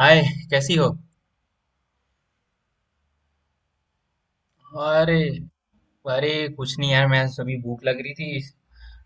हाय। कैसी हो? अरे, अरे कुछ नहीं यार, मैं सभी भूख लग रही थी।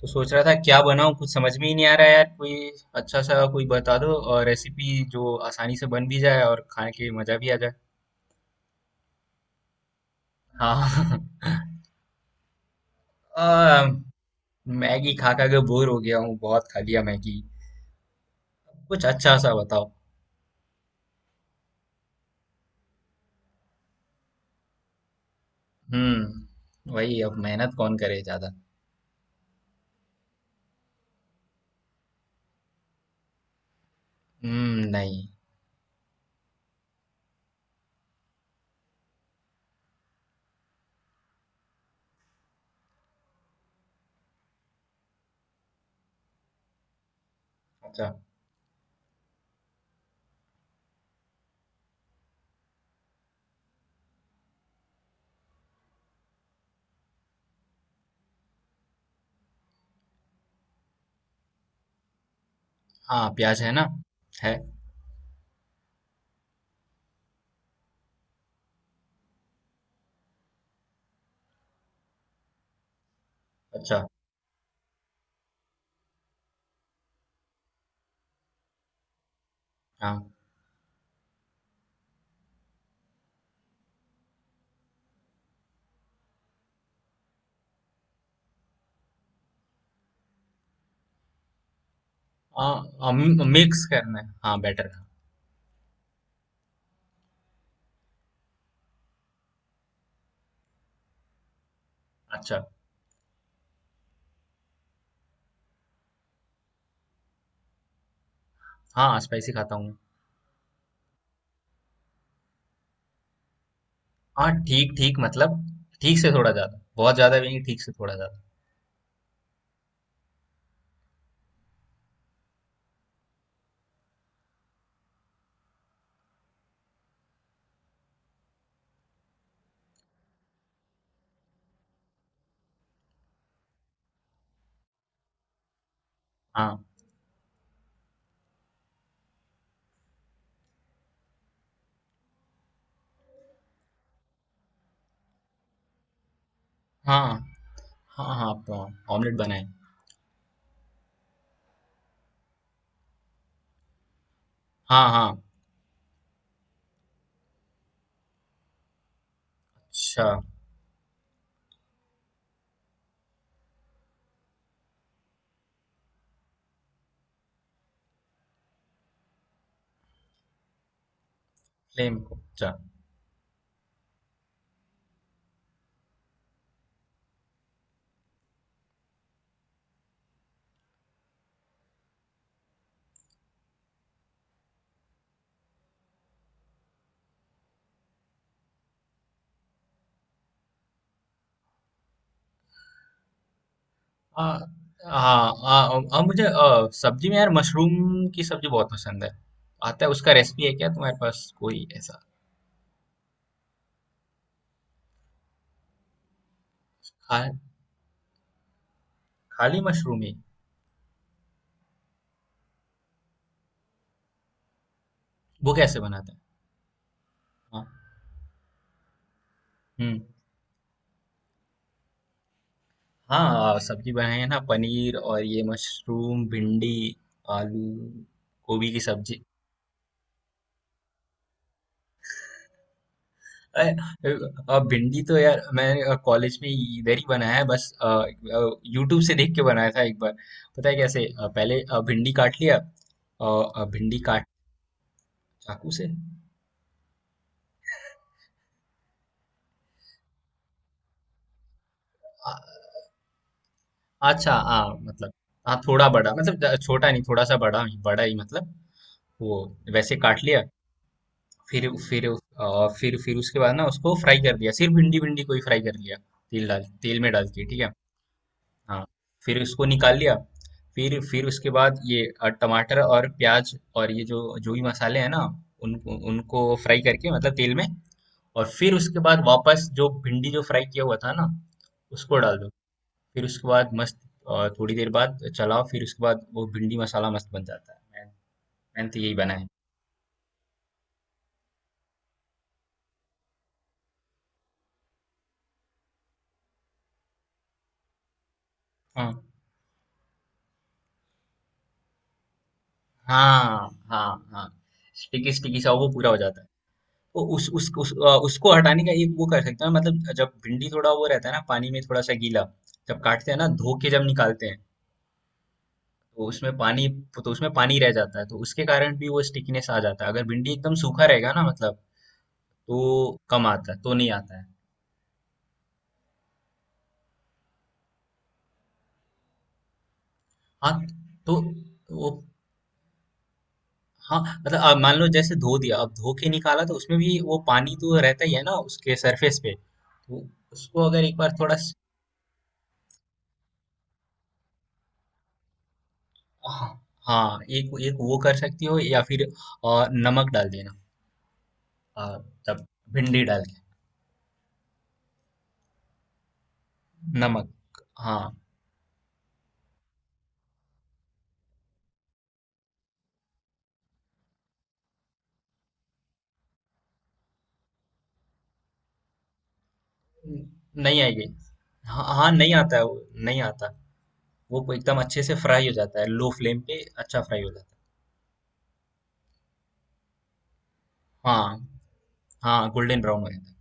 तो सोच रहा था क्या बनाऊं, कुछ समझ में ही नहीं आ रहा है यार। कोई अच्छा सा कोई बता दो और रेसिपी जो आसानी से बन भी जाए और खाने के मजा भी आ जाए। हाँ। आ, मैगी खा खा के बोर हो गया हूँ, बहुत खा लिया मैगी। कुछ अच्छा सा बताओ। वही अब मेहनत कौन करे ज्यादा। हम्म, नहीं। अच्छा। हाँ, प्याज है ना। है। अच्छा। हाँ। आ, आ, मिक्स करना है, हाँ, बेटर। अच्छा, हाँ, स्पाइसी खाता हूँ। हाँ, ठीक-ठीक मतलब ठीक से थोड़ा ज़्यादा, बहुत ज़्यादा भी नहीं, ठीक से थोड़ा ज़्यादा। हाँ, हाँ, हाँ, हाँ, तो ऑमलेट बनाए। हाँ, हाँ। अच्छा। फ्लेम को, अच्छा। हाँ, हाँ, हाँ, मुझे सब्जी में यार मशरूम की सब्जी बहुत पसंद है। आता है उसका रेसिपी है क्या तुम्हारे पास कोई ऐसा? खा खाली मशरूम ही। वो कैसे बनाते हैं? हाँ, हुँ, हाँ, सब्जी बनाई है ना, पनीर और ये मशरूम, भिंडी, आलू, गोभी की सब्जी। अ, भिंडी तो यार मैं कॉलेज में इधर ही बनाया है बस। यूट्यूब से देख के बनाया था एक बार। पता है कैसे, पहले भिंडी काट लिया। और भिंडी काट। चाकू से। अ, अच्छा, हाँ मतलब। हाँ, थोड़ा बड़ा मतलब छोटा नहीं, थोड़ा सा बड़ा ही, बड़ा ही मतलब वो वैसे काट लिया। फिर उस- अ, फिर उसके बाद ना उसको फ्राई कर दिया, सिर्फ भिंडी, भिंडी को ही फ्राई कर लिया। तेल में डाल के ठीक है। हाँ। फिर उसको निकाल लिया। फिर उसके बाद ये टमाटर और प्याज और ये जो जो भी मसाले हैं ना, उनको उनको फ्राई करके, मतलब तेल में। और फिर उसके बाद वापस जो भिंडी जो फ्राई किया हुआ था ना, उसको डाल दो। फिर उसके बाद मस्त, थोड़ी देर बाद चलाओ, फिर उसके बाद वो भिंडी मसाला मस्त बन जाता है। मैं मैंने तो यही बनाया है। हाँ, हाँ, हाँ। हाँ, स्टिकी स्टिकी सा वो पूरा हो जाता है। वो उसको हटाने का एक वो कर सकते हैं, मतलब जब भिंडी थोड़ा वो रहता है ना, पानी में थोड़ा सा गीला। जब काटते हैं ना, धो के जब निकालते हैं। तो उसमें पानी तो उसमें पानी रह जाता है, तो उसके कारण भी वो स्टिकनेस आ जाता है। अगर भिंडी एकदम सूखा रहेगा ना, मतलब तो कम आता है, तो नहीं आता है। हाँ तो वो। हाँ, मतलब अब मान लो, जैसे धो दिया अब धो के निकाला तो उसमें भी वो पानी तो रहता ही है ना उसके सरफेस पे। तो उसको अगर एक बार थोड़ा हाँ। हाँ, एक एक वो कर सकती हो, या फिर। और नमक डाल देना। आ, तब भिंडी डाल के। नमक। हाँ। नहीं आएगी। हाँ, हाँ नहीं आता है वो। नहीं आता, वो एकदम अच्छे से फ्राई हो जाता है, लो फ्लेम पे अच्छा फ्राई हो जाता है। हाँ, हाँ, गोल्डन ब्राउन हो जाता है।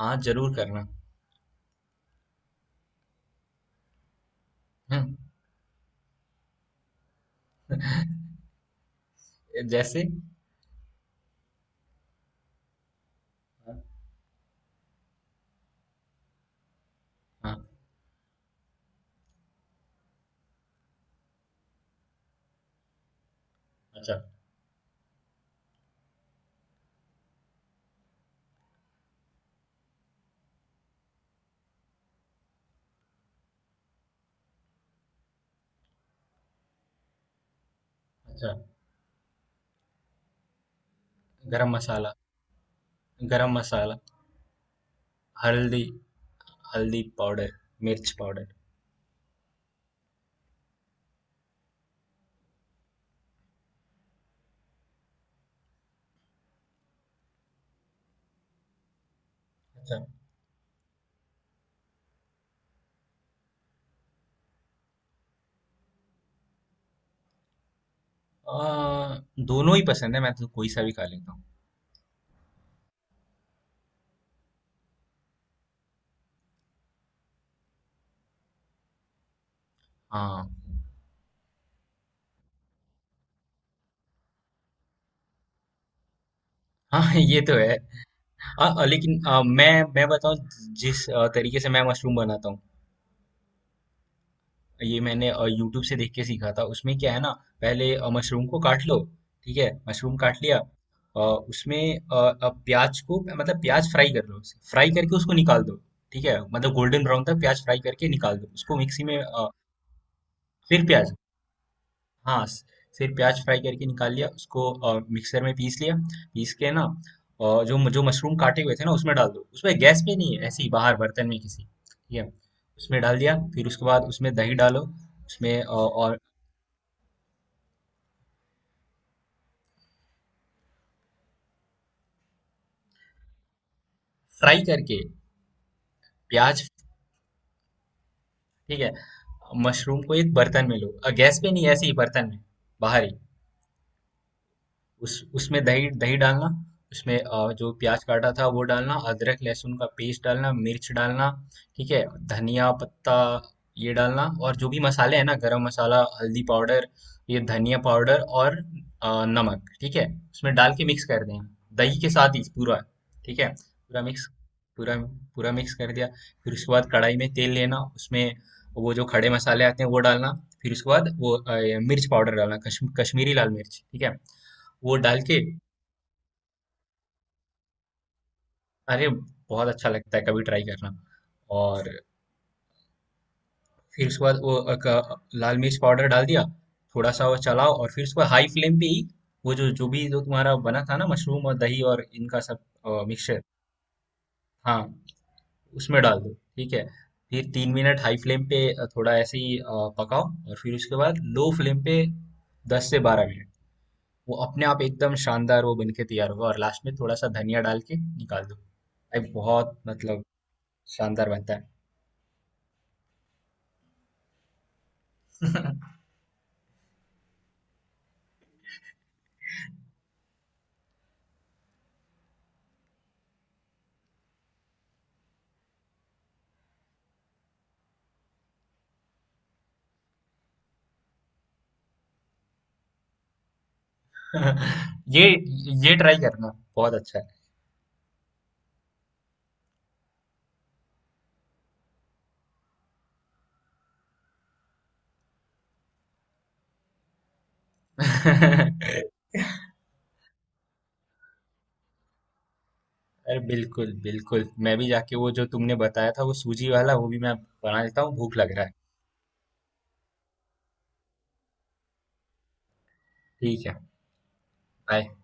हाँ, जरूर करना। हम्म। जैसे। हाँ। अच्छा, अच्छा। गरम मसाला। गरम मसाला। हल्दी। हल्दी पाउडर। मिर्च पाउडर। अच्छा, आ, दोनों ही पसंद है, मैं तो कोई सा भी खा लेता हूँ। हाँ, हाँ। ये तो है। हाँ, लेकिन मैं बताऊँ, जिस तरीके से मैं मशरूम बनाता हूँ, ये मैंने यूट्यूब से देख के सीखा था। उसमें क्या है ना, पहले मशरूम को काट लो। ठीक है, मशरूम काट लिया। अ, उसमें प्याज को, मतलब प्याज फ्राई कर लो, फ्राई करके उसको निकाल दो। ठीक है, मतलब गोल्डन ब्राउन तक प्याज फ्राई करके निकाल दो, उसको मिक्सी में फिर प्याज, हाँ, फिर प्याज फ्राई करके निकाल लिया उसको और मिक्सर में पीस लिया। पीस के ना, और जो जो मशरूम काटे हुए थे ना, उसमें डाल दो। उसमें गैस पे नहीं है, ऐसे ही बाहर बर्तन में किसी, ठीक है। उसमें डाल दिया। फिर उसके बाद उसमें दही डालो। उसमें और। फ्राई करके प्याज। ठीक है। मशरूम को एक बर्तन में लो और गैस पे नहीं, ऐसे ही बर्तन में बाहर ही। उस, उसमें दही, दही डालना। उसमें जो प्याज काटा था वो डालना, अदरक लहसुन का पेस्ट डालना, मिर्च डालना, ठीक है। धनिया पत्ता, ये डालना, और जो भी मसाले हैं ना, गरम मसाला, हल्दी पाउडर, ये धनिया पाउडर और नमक, ठीक है। उसमें डाल के मिक्स कर देना, दही के साथ ही पूरा। ठीक है, पूरा मिक्स। पूरा, पूरा मिक्स कर दिया। फिर उसके बाद कढ़ाई में तेल लेना, उसमें वो जो खड़े मसाले आते हैं वो डालना। फिर उसके बाद वो मिर्च पाउडर डालना, कश्मीरी लाल मिर्च, ठीक है। वो डाल के, अरे बहुत अच्छा लगता है कभी ट्राई करना। और फिर उसके बाद वो लाल मिर्च पाउडर डाल दिया। थोड़ा सा वो चलाओ और फिर उसके बाद हाई फ्लेम पे ही वो जो जो भी जो तुम्हारा बना था ना, मशरूम और दही और इनका सब मिक्सचर, हाँ, उसमें डाल दो, ठीक है। फिर 3 मिनट हाई फ्लेम पे थोड़ा ऐसे ही पकाओ। और फिर उसके बाद लो फ्लेम पे 10 से 12 मिनट, वो अपने आप एकदम शानदार वो बन के तैयार होगा। और लास्ट में थोड़ा सा धनिया डाल के निकाल दो भाई, बहुत मतलब शानदार बनता है। ये ये ट्राई करना बहुत अच्छा है। अरे बिल्कुल, बिल्कुल, मैं भी जाके वो जो तुमने बताया था वो सूजी वाला वो भी मैं बना लेता हूँ, भूख लग रहा है। ठीक है। बाय।